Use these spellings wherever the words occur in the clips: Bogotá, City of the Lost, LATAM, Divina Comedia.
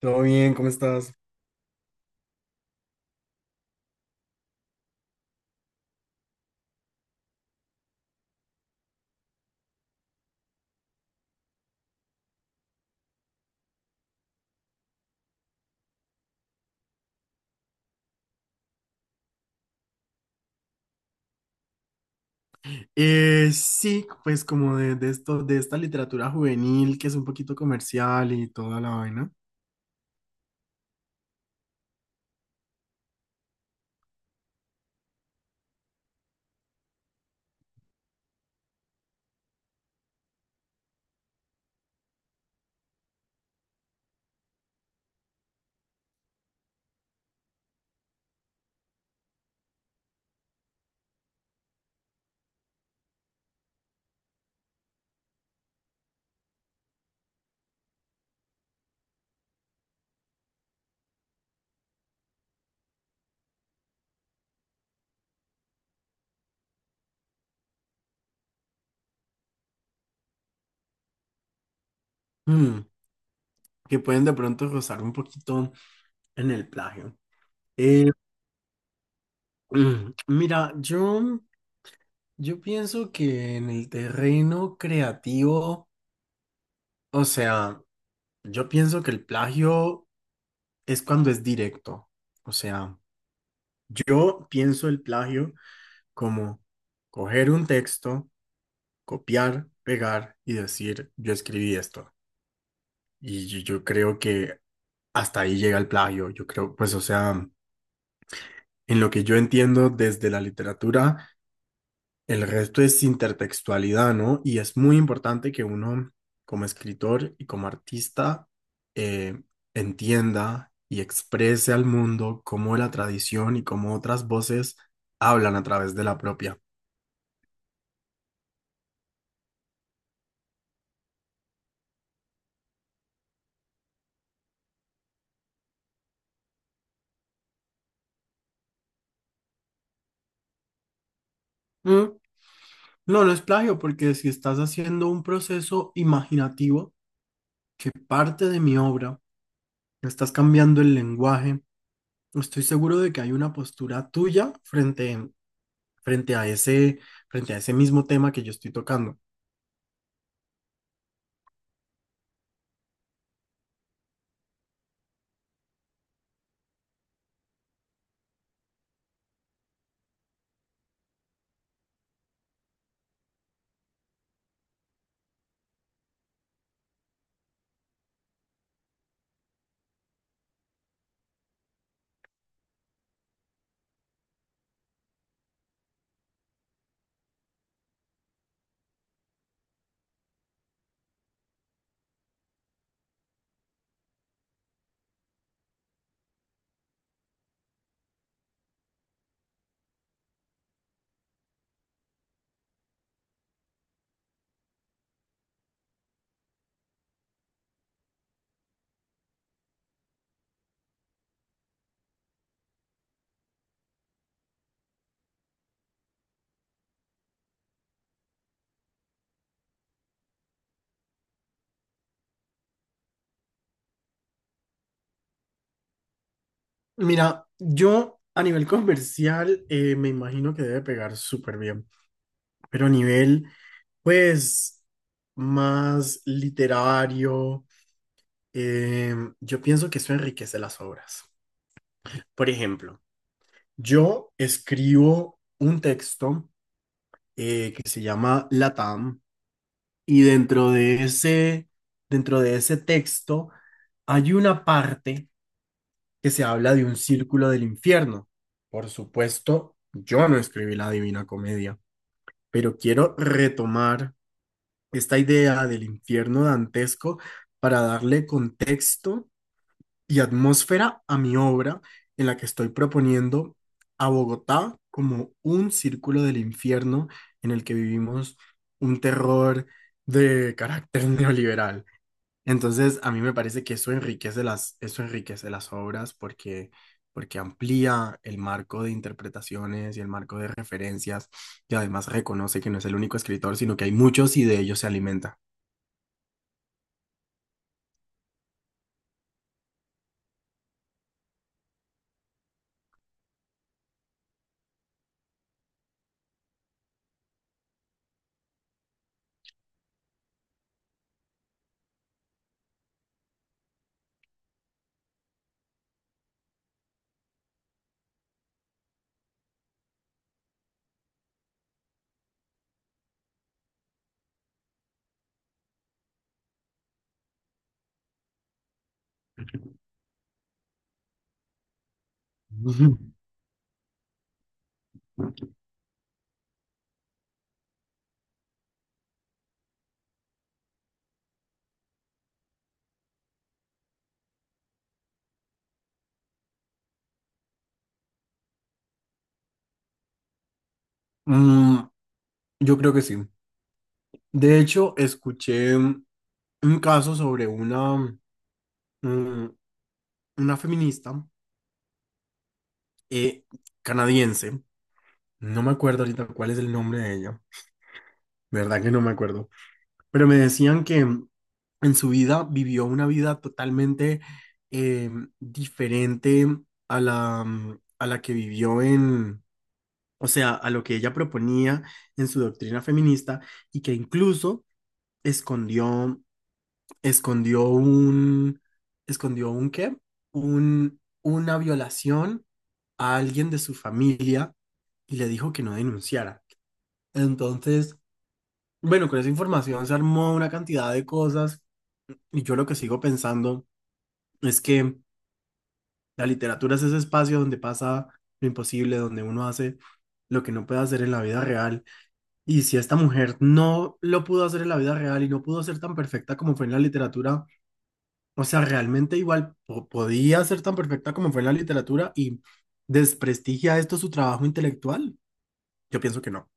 Todo bien, ¿cómo estás? Sí, pues como de esto, de esta literatura juvenil que es un poquito comercial y toda la vaina. mm, que pueden de pronto rozar un poquito en el plagio. Eh, mira, yo pienso que en el terreno creativo, o sea, yo pienso que el plagio es cuando es directo. O sea, yo pienso el plagio como coger un texto, copiar, pegar y decir, yo escribí esto. Yo creo que hasta ahí llega el plagio. Yo creo, pues, o sea, en lo que yo entiendo desde la literatura, el resto es intertextualidad, ¿no? Y es muy importante que uno, como escritor y como artista, eh, entienda y exprese al mundo cómo la tradición y cómo otras voces hablan a través de la propia. Mm, No, no es plagio, porque si estás haciendo un proceso imaginativo, parte de mi obra, estás cambiando el lenguaje, estoy seguro de que hay una postura tuya frente a frente a ese mismo tema que yo estoy tocando. Mira, yo a nivel comercial, me imagino que debe pegar súper bien, pero a nivel, pues, más literario, yo pienso que eso enriquece las obras. Por ejemplo, yo escribo un texto, que se llama LATAM. Y dentro de ese, Dentro de ese texto hay una parte que se habla de un círculo del infierno. Por supuesto, yo no escribí la Divina Comedia, pero quiero retomar esta idea del infierno dantesco para darle contexto y atmósfera a mi obra en la que estoy proponiendo a Bogotá como un círculo del infierno en el que vivimos un terror de carácter neoliberal. Entonces, a mí me parece que eso enriquece las obras porque, porque amplía el marco de interpretaciones y el marco de referencias y además reconoce que no es el único escritor, sino que hay muchos y de ellos se alimenta. Ujú. Mm, yo creo que sí. De hecho, escuché, un caso sobre mm, una feminista, eh, canadiense. No me acuerdo ahorita cuál es el nombre de ella. ¿Verdad que no me acuerdo? Pero me decían que en su vida vivió una vida totalmente eh, diferente a a la que vivió en, o sea, a lo que ella proponía en su doctrina feminista y que incluso escondió, escondió un, escondió un qué, un, una violación a alguien de su familia y le dijo que no denunciara. Entonces, bueno, con esa información se armó una cantidad de cosas y yo lo que sigo pensando es que la literatura es ese espacio donde pasa lo imposible, donde uno hace lo que no puede hacer en la vida real. Y si esta mujer no lo pudo hacer en la vida real y no pudo ser tan perfecta como fue en la literatura, o sea, realmente igual podía ser tan perfecta como fue en la literatura y desprestigia esto su trabajo intelectual. Yo pienso que no.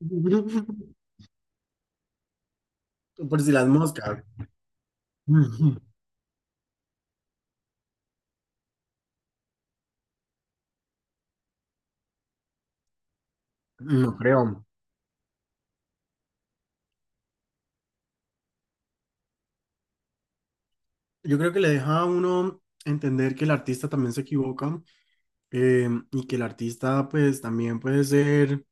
Por si las moscas. No creo. Yo creo que le deja a uno entender que el artista también se equivoca, y que el artista pues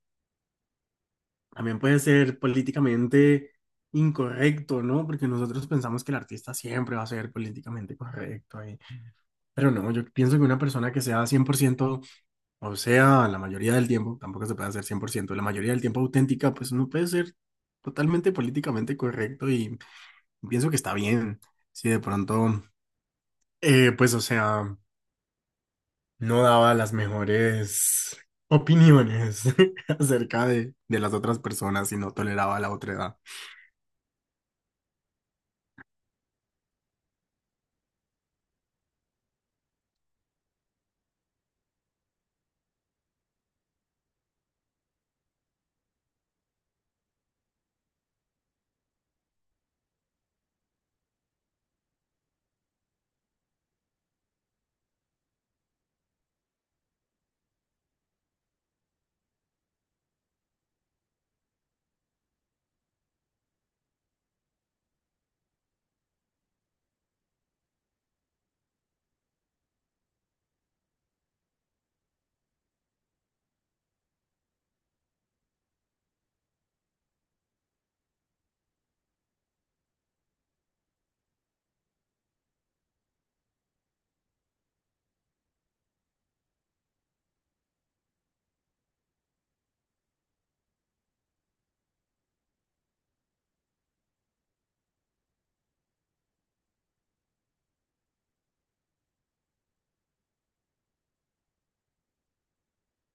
también puede ser políticamente incorrecto, ¿no? Porque nosotros pensamos que el artista siempre va a ser políticamente correcto, y pero no, yo pienso que una persona que sea cien por ciento, o sea, la mayoría del tiempo, tampoco se puede hacer 100% la mayoría del tiempo auténtica, pues no puede ser totalmente políticamente correcto y pienso que está bien, si de pronto... Pues, o sea, no daba las mejores opiniones acerca de las otras personas y no toleraba la otra edad.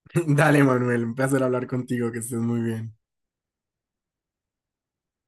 Dale, Manuel, un placer hablar contigo, que estés muy bien.